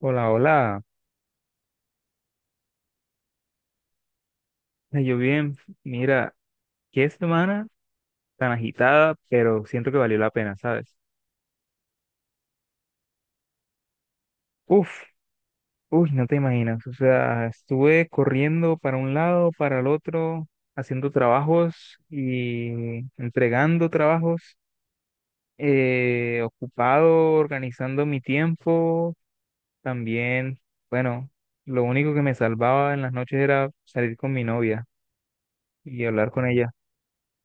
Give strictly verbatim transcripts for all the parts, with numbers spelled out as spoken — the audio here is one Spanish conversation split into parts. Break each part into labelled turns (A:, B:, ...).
A: Hola, hola. Yo bien, mira, qué semana tan agitada, pero siento que valió la pena, ¿sabes? Uf, uy, no te imaginas. O sea, estuve corriendo para un lado, para el otro, haciendo trabajos y entregando trabajos, eh, ocupado, organizando mi tiempo. También, bueno, lo único que me salvaba en las noches era salir con mi novia y hablar con ella,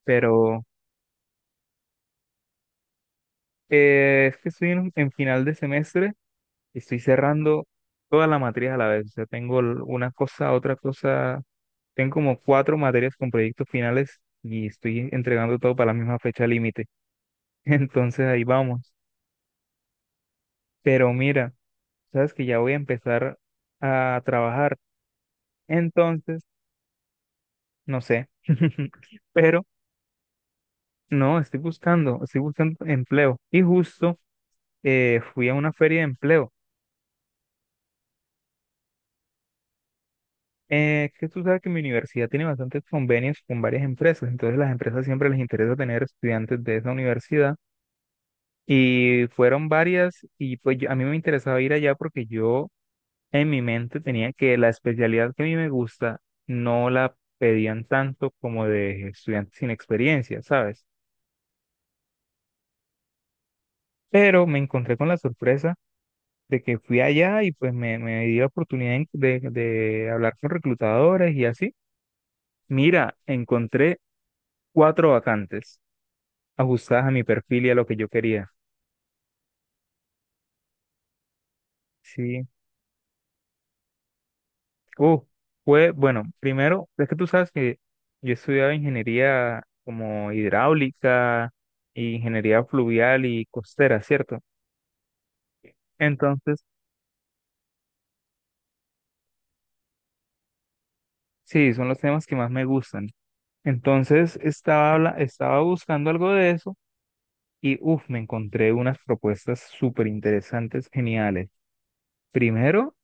A: pero eh, es que estoy en en final de semestre. Estoy cerrando todas las materias a la vez. O sea, tengo l- una cosa, otra cosa. Tengo como cuatro materias con proyectos finales y estoy entregando todo para la misma fecha límite. Entonces ahí vamos. Pero mira, sabes que ya voy a empezar a trabajar. Entonces, no sé. Pero no, estoy buscando, estoy buscando empleo. Y justo eh, fui a una feria de empleo. Eh, que tú sabes que mi universidad tiene bastantes convenios con varias empresas, entonces las empresas siempre les interesa tener estudiantes de esa universidad y fueron varias y pues yo- a mí me interesaba ir allá porque yo en mi mente tenía que la especialidad que a mí me gusta no la pedían tanto como de estudiantes sin experiencia, ¿sabes? Pero me encontré con la sorpresa de que fui allá y pues me, me di la oportunidad de, de hablar con reclutadores y así. Mira, encontré cuatro vacantes ajustadas a mi perfil y a lo que yo quería. Sí. Uh, Fue, bueno, primero, es que tú sabes que yo estudiaba ingeniería como hidráulica, y ingeniería fluvial y costera, ¿cierto? Entonces, sí, son los temas que más me gustan. Entonces, estaba, habla- estaba buscando algo de eso y, uff, me encontré unas propuestas súper interesantes, geniales. Primero,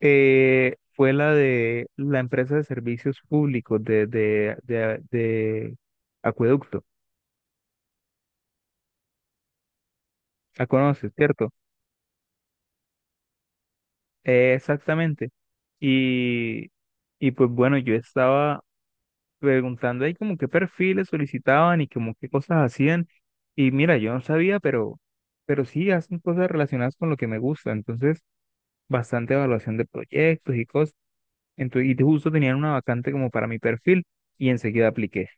A: eh, fue la de la empresa de servicios públicos de, de, de, de Acueducto. La conoces, ¿cierto? Eh, exactamente. Y, y pues bueno, yo estaba preguntando ahí como qué perfiles solicitaban y como qué cosas hacían. Y mira, yo no sabía, pero, pero sí hacen cosas relacionadas con lo que me gusta. Entonces, bastante evaluación de proyectos y cosas. Entonces, y justo tenían una vacante como para mi perfil y enseguida apliqué.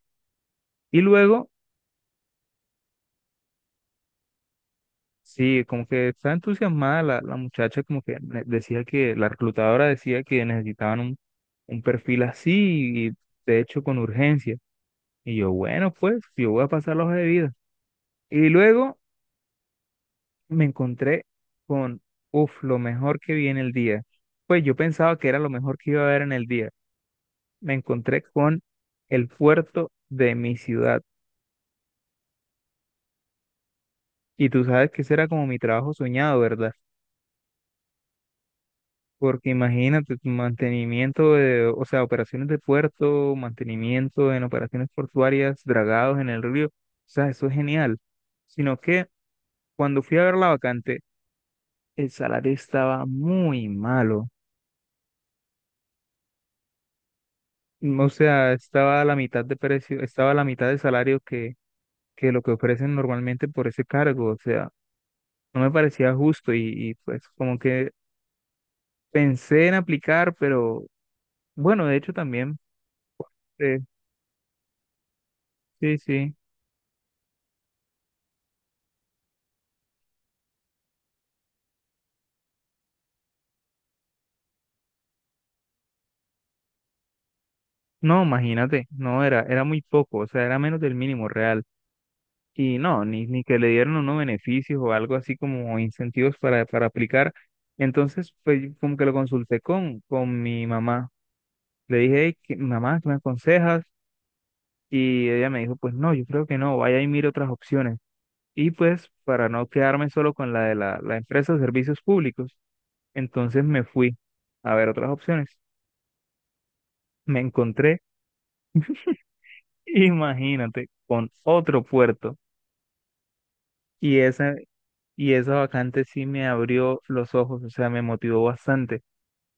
A: Y luego sí, como que estaba entusiasmada la, la muchacha, como que ne- decía que la reclutadora decía que necesitaban un, un perfil así y de hecho con urgencia. Y yo, bueno, pues yo voy a pasar la hoja de vida. Y luego me encontré con, uff, lo mejor que vi en el día. Pues yo pensaba que era lo mejor que iba a ver en el día. Me encontré con el puerto de mi ciudad. Y tú sabes que ese era como mi trabajo soñado, ¿verdad? Porque imagínate, tu mantenimiento de, o sea, operaciones de puerto, mantenimiento en operaciones portuarias, dragados en el río, o sea, eso es genial. Sino que cuando fui a ver la vacante, el salario estaba muy malo. Mm, O sea, estaba a la mitad de precio, estaba a la mitad de salario que, que lo que ofrecen normalmente por ese cargo. O sea, no me parecía justo y, y pues como que pensé en aplicar, pero bueno, de hecho también, eh, sí, sí. No, imagínate, no era, era muy poco, o sea, era menos del mínimo real. Y no, ni, ni que le dieron unos beneficios o algo así como incentivos para, para aplicar. Entonces, pues yo como que lo consulté con, con mi mamá. Le dije, "Ey, ¿qué- mamá, ¿qué me aconsejas?" Y ella me dijo, pues no, yo creo que no, vaya y mire otras opciones. Y pues, para no quedarme solo con la de la, la empresa de servicios públicos, entonces me fui a ver otras opciones. Me encontré, imagínate, con otro puerto. Y esa Y esa vacante sí me abrió los ojos, o sea, me motivó bastante.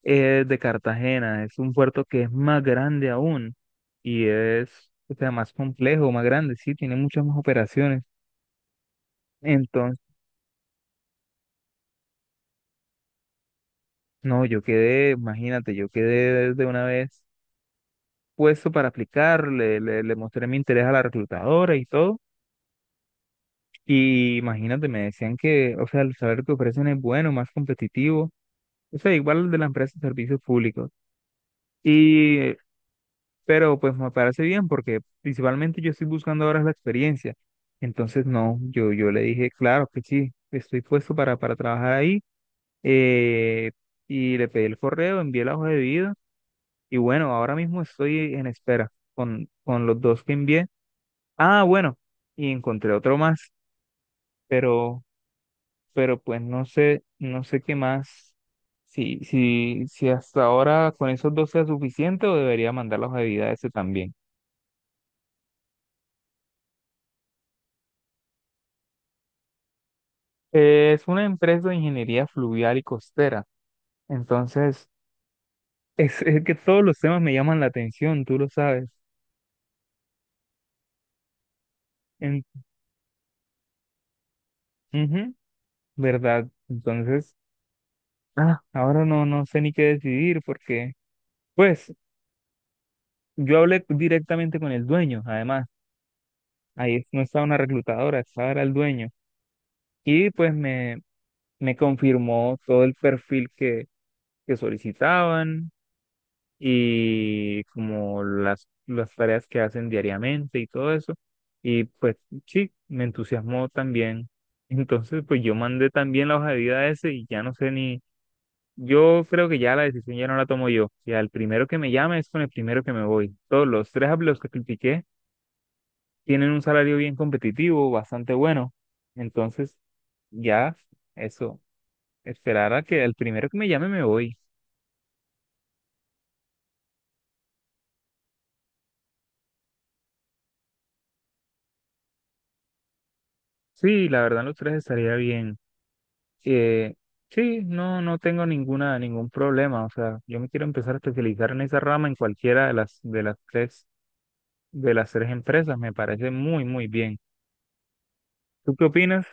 A: Es de Cartagena, es un puerto que es más grande aún y es, o sea, más complejo, más grande, sí, tiene muchas más operaciones. Entonces, no, yo quedé, imagínate, yo quedé de una vez puesto para aplicar, le, le, le mostré mi interés a la reclutadora y todo. Y imagínate, me decían que, o sea, el saber que ofrecen es bueno, más competitivo, o sea, igual de la empresa de servicios públicos. Y pero pues me parece bien porque principalmente yo estoy buscando ahora es la experiencia. Entonces, no, yo, yo le dije, claro que sí, estoy puesto para, para trabajar ahí. eh, y le pedí el correo, envié la hoja de vida y bueno, ahora mismo estoy en espera con, con los dos que envié. Ah, bueno, y encontré otro más, pero, pero pues no sé, no sé qué más. Si, si, si hasta ahora con esos dos sea suficiente o debería mandar la hoja de vida a ese también. Eh, es una empresa de ingeniería fluvial y costera. Entonces, es, es que todos los temas me llaman la atención, tú lo sabes. En, ujú, ¿verdad? Entonces, ah, ahora no, no sé ni qué decidir porque, pues, yo hablé directamente con el dueño, además. Ahí no estaba una reclutadora, estaba era el dueño. Y pues me, me confirmó todo el perfil que, que solicitaban, y como las, las tareas que hacen diariamente y todo eso. Y pues sí, me entusiasmó también. Entonces, pues yo mandé también la hoja de vida a ese y ya no sé ni, yo creo que ya la decisión ya no la tomo yo. O sea, el primero que me llame es con el primero que me voy. Todos los tres a los que critiqué tienen un salario bien competitivo, bastante bueno. Entonces, ya, eso, esperar a que el primero que me llame me voy. Sí, la verdad los tres estaría bien. Eh, sí, no, no tengo ninguna, ningún problema. O sea, yo me quiero empezar a especializar en esa rama en cualquiera de las, de las tres, de las tres empresas. Me parece muy, muy bien. ¿Tú qué opinas?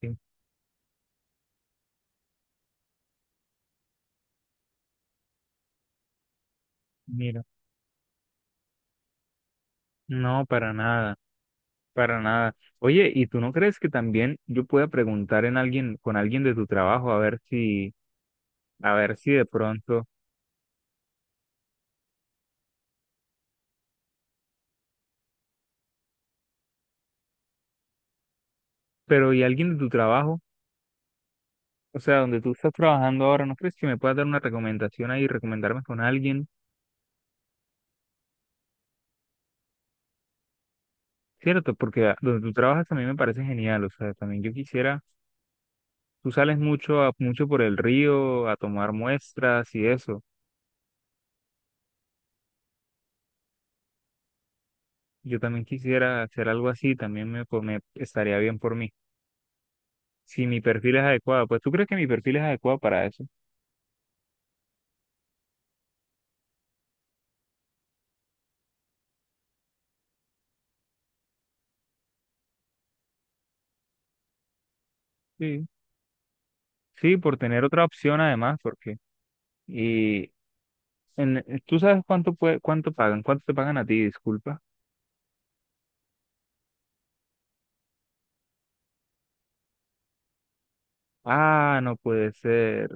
A: Sí, mira, no, para nada, para nada. Oye, ¿y tú no crees que también yo pueda preguntar en alguien, con alguien de tu trabajo, a ver si, a ver si de pronto, pero ¿y alguien de tu trabajo? O sea, donde tú estás trabajando ahora, ¿no crees que me puedas dar una recomendación ahí, recomendarme con alguien? Cierto, porque donde tú trabajas también me parece genial, o sea, también yo quisiera, tú sales mucho a, mucho por el río a tomar muestras y eso, yo también quisiera hacer algo así, también me, po- me estaría bien por mí, si mi perfil es adecuado, pues tú crees que mi perfil es adecuado para eso, sí, sí, por tener otra opción además, porque, y en, eh, tú sabes cuánto puede, cuánto pagan, cuánto te pagan a ti, disculpa, ah, no puede ser,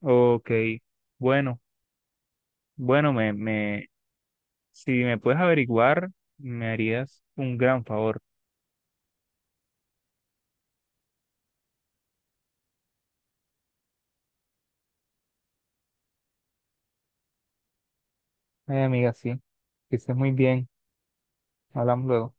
A: ok, bueno, bueno, me, me. Si me puedes averiguar, me harías un gran favor. Ay, amiga, sí. Que estés muy bien. Hablamos luego.